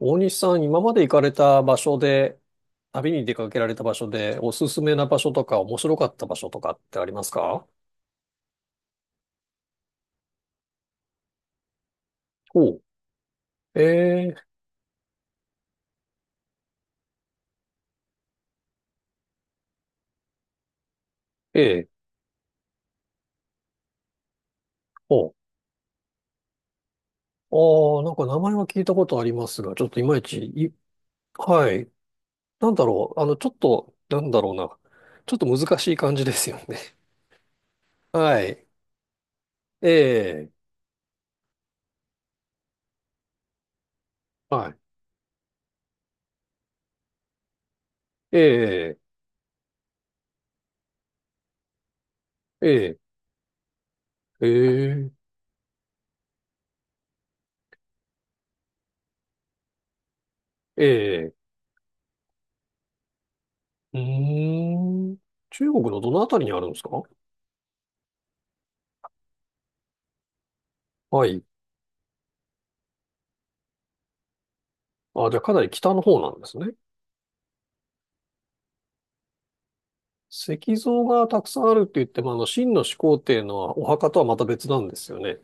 大西さん、今まで行かれた場所で、旅に出かけられた場所で、おすすめな場所とか、面白かった場所とかってありますか？おう。ええ、ええ、おう。ああ、なんか名前は聞いたことありますが、ちょっといまいち、はい。なんだろう。ちょっと、なんだろうな。ちょっと難しい感じですよね。はい。ええ。はい。ええ。ええ。ええ。ええ。うーん。中国のどのあたりにあるんですか？はい。あ、じゃあかなり北の方なんですね。石像がたくさんあるって言っても、秦の始皇帝のお墓とはまた別なんですよね。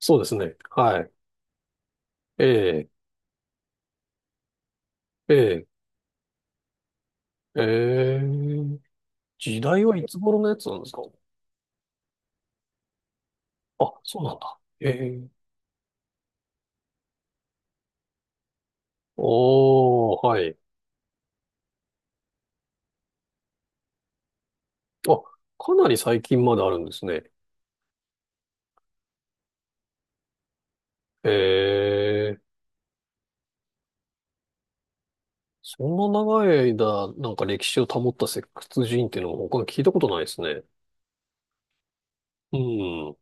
そうですね。はい。ええ、ええ、ええ、時代はいつ頃のやつなんですか？あ、そうなんだ。ええ、おー、はい。あ、かなり最近まであるんですね。ええ、そんな長い間、なんか歴史を保った石窟人っていうのも他に聞いたことないですね。うん。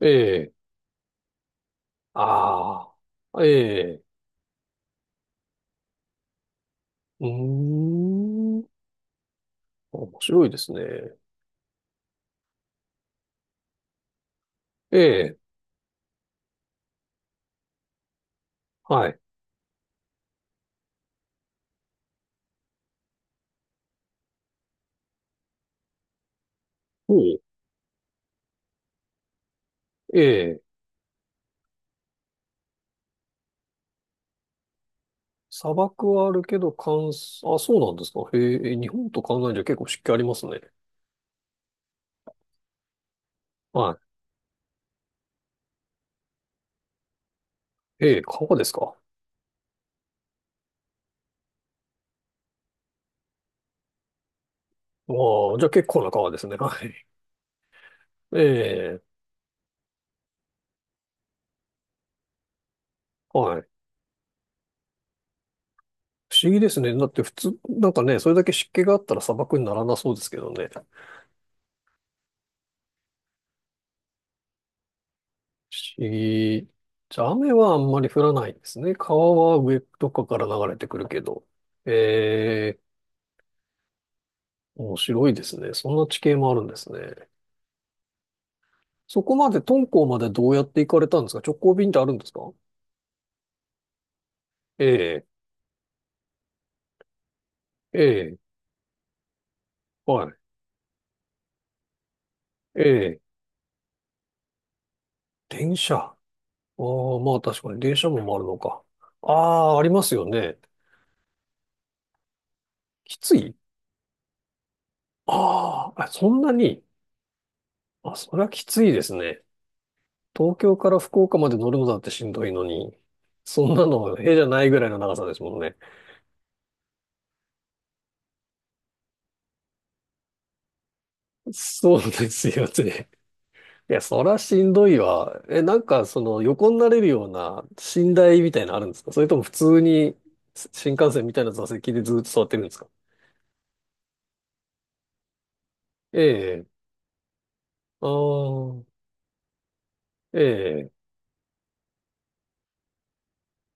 ええ、ああ。ええ。うーん。面白いですね。ええ、はい。おう。ええ、砂漠はあるけど、乾燥、あ、そうなんですか。へえ、日本と考えじゃ結構湿気ありますね。はい。ええ、川ですか。ああ、じゃあ結構な川ですね。はい。ええ、はい。不思議ですね。だって普通、なんかね、それだけ湿気があったら砂漠にならなそうですけどね。不思議。じゃあ雨はあんまり降らないんですね。川は上とかから流れてくるけど。ええ。面白いですね。そんな地形もあるんですね。そこまで、敦煌までどうやって行かれたんですか？直行便ってあるんですか？ええ、ええ、はい。ええ、電車。ああ、まあ確かに電車も回るのか。ああ、ありますよね。きつい？あーあ、あそんなに。あ、そりゃきついですね。東京から福岡まで乗るのだってしんどいのに。そんなの、ええじゃないぐらいの長さですもんね。そうですよね。いや、そらしんどいわ。なんか、横になれるような寝台みたいなのあるんですか？それとも普通に新幹線みたいな座席でずっと座ってるんですか？ええ。ああ、ええ。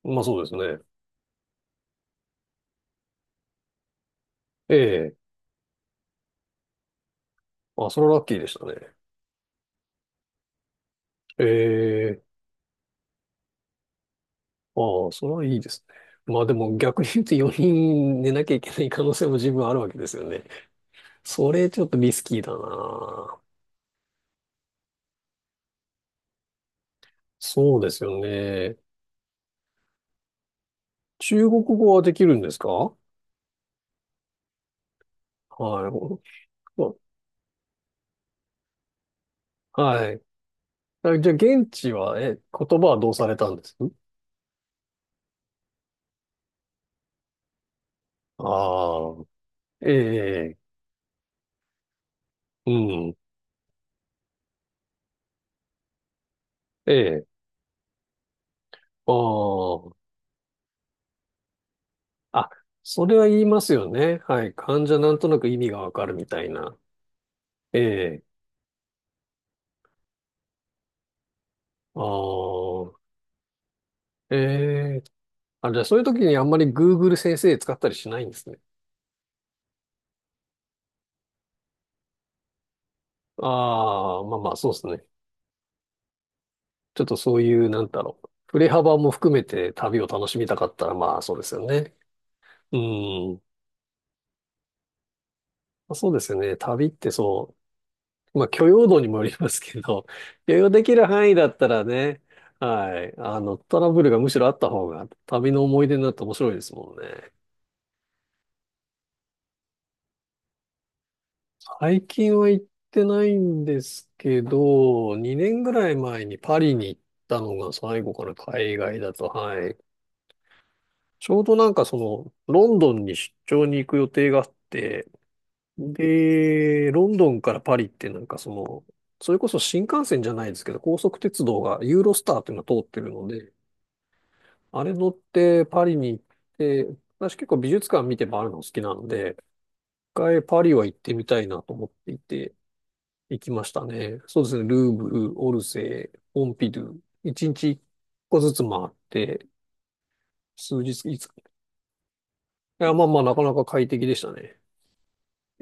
まあそうですね。ええ。あ、それはラッキーでしたね。ええ。ああ、それはいいですね。まあでも逆に言うと4人寝なきゃいけない可能性も十分あるわけですよね。それちょっとリスキーだな。そうですよね。中国語はできるんですか？はい。はい。あ、じゃあ、現地は、言葉はどうされたんです？ああ、ええ、うん、ええ、ああ、あ、それは言いますよね。はい。患者なんとなく意味がわかるみたいな。ええ、ああ、ええ、あ、じゃあ、そういう時にあんまり Google 先生使ったりしないんですね。ああ、まあまあ、そうですね。ちょっとそういう、なんだろう。振れ幅も含めて旅を楽しみたかったら、まあ、そうですよね。うん。そうですよね。旅ってそう、まあ、許容度にもよりますけど、許容できる範囲だったらね、はい、トラブルがむしろあった方が、旅の思い出になって面白いですもんね。最近は行ってないんですけど、2年ぐらい前にパリに行ったのが最後かな、海外だと、はい。ちょうどなんかその、ロンドンに出張に行く予定があって、で、ロンドンからパリってなんかその、それこそ新幹線じゃないですけど、高速鉄道がユーロスターっていうのが通ってるので、あれ乗ってパリに行って、私結構美術館見て回るの好きなので、一回パリは行ってみたいなと思っていて、行きましたね。そうですね、ルーブル、オルセー、ポンピドゥ、一日一個ずつ回って、数日、いつ、いや、まあまあなかなか快適でしたね。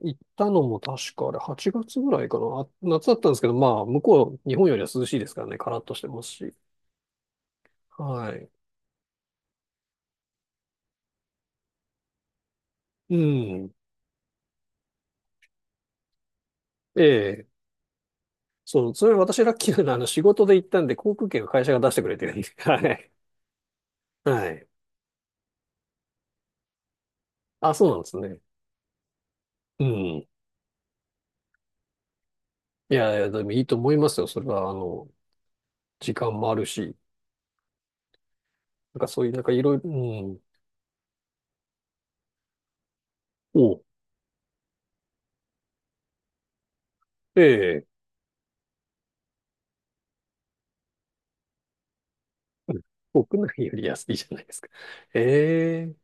行ったのも確かあれ8月ぐらいかな。あ、夏だったんですけど、まあ向こう、日本よりは涼しいですからね、カラッとしてますし。はい。うん。ええ。そう、それ私ラッキーなのは、仕事で行ったんで、航空券は会社が出してくれてるんで。はい。はい。あ、そうなんですね。うん。いやいや、でもいいと思いますよ。それは、時間もあるし、なんかそういう、なんかいろいろ、うん。お、ええ、うん。国内より安いじゃないですか。ええ、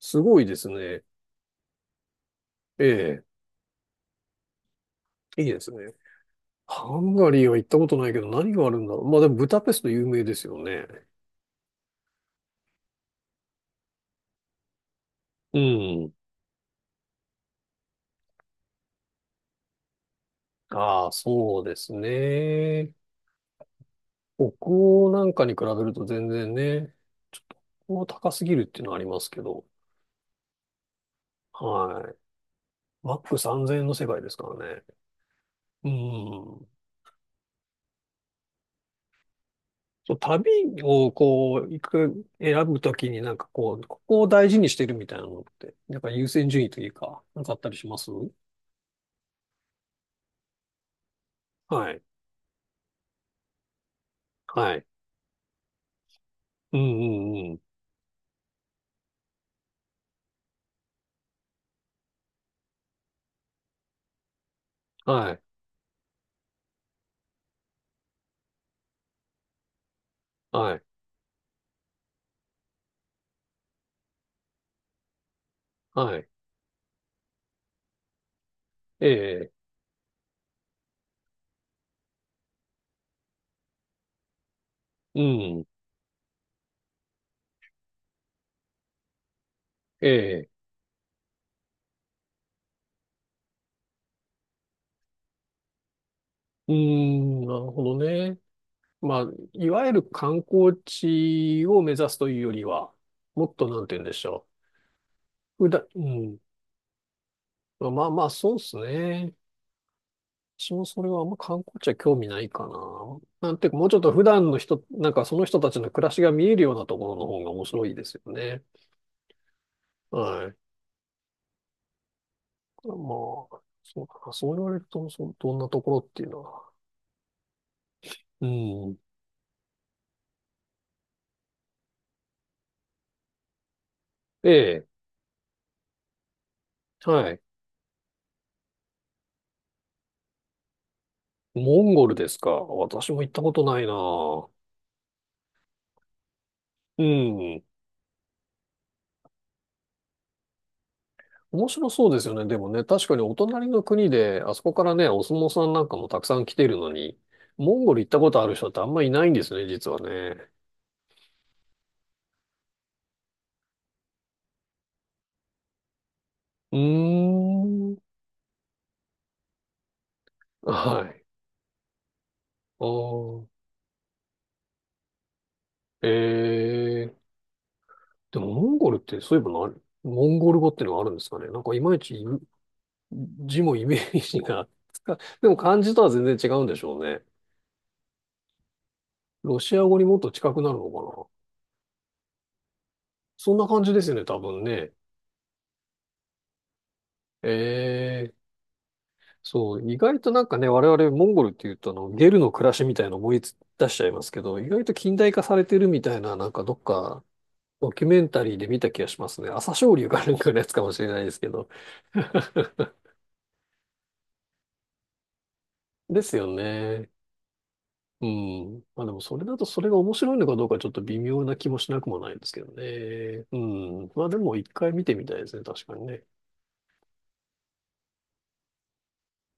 すごいですね。ええ、いいですね。ハンガリーは行ったことないけど、何があるんだろう。まあでも、ブダペスト有名ですよね。うん。ああ、そうですね。北欧なんかに比べると全然ね、ちょっと北欧高すぎるっていうのはありますけど、はい。マック3000円の世界ですからね。うん。そう、旅をこう、行く、選ぶときになんかこう、ここを大事にしてるみたいなのって、なんか優先順位というか、なんかあったりします？はい。はい。うんうんうん。はい。はい。はい。ええ。うん。ええ。うん。なるほどね。まあ、いわゆる観光地を目指すというよりは、もっとなんて言うんでしょう。普段、うん。まあまあそうですね。私もそれはあんま観光地は興味ないかな。なんていうか、もうちょっと普段の人、なんかその人たちの暮らしが見えるようなところの方が面白いですよね。はい。まあ、そうかな。そう言われると、そうどんなところっていうのは。うん。ええ。はい。モンゴルですか。私も行ったことないな。うん。面白そうですよね。でもね、確かにお隣の国で、あそこからね、お相撲さんなんかもたくさん来ているのに、モンゴル行ったことある人ってあんまいないんですね、実はね。うーん。はい。あー、えー。でも、モンゴルって、そういえばな、モンゴル語っていうのがあるんですかね。なんか、いまいち字もイメージがでも漢字とは全然違うんでしょうね。ロシア語にもっと近くなるのかな。そんな感じですよね、多分ね。ええ。そう、意外となんかね、我々モンゴルっていうとあの、ゲルの暮らしみたいなの思い出しちゃいますけど、意外と近代化されてるみたいな、なんかどっかドキュメンタリーで見た気がしますね。朝青龍かなんかのやつかもしれないですけど。ですよね。うん。まあでもそれだとそれが面白いのかどうかちょっと微妙な気もしなくもないですけどね。うん。まあでも一回見てみたいですね、確かにね。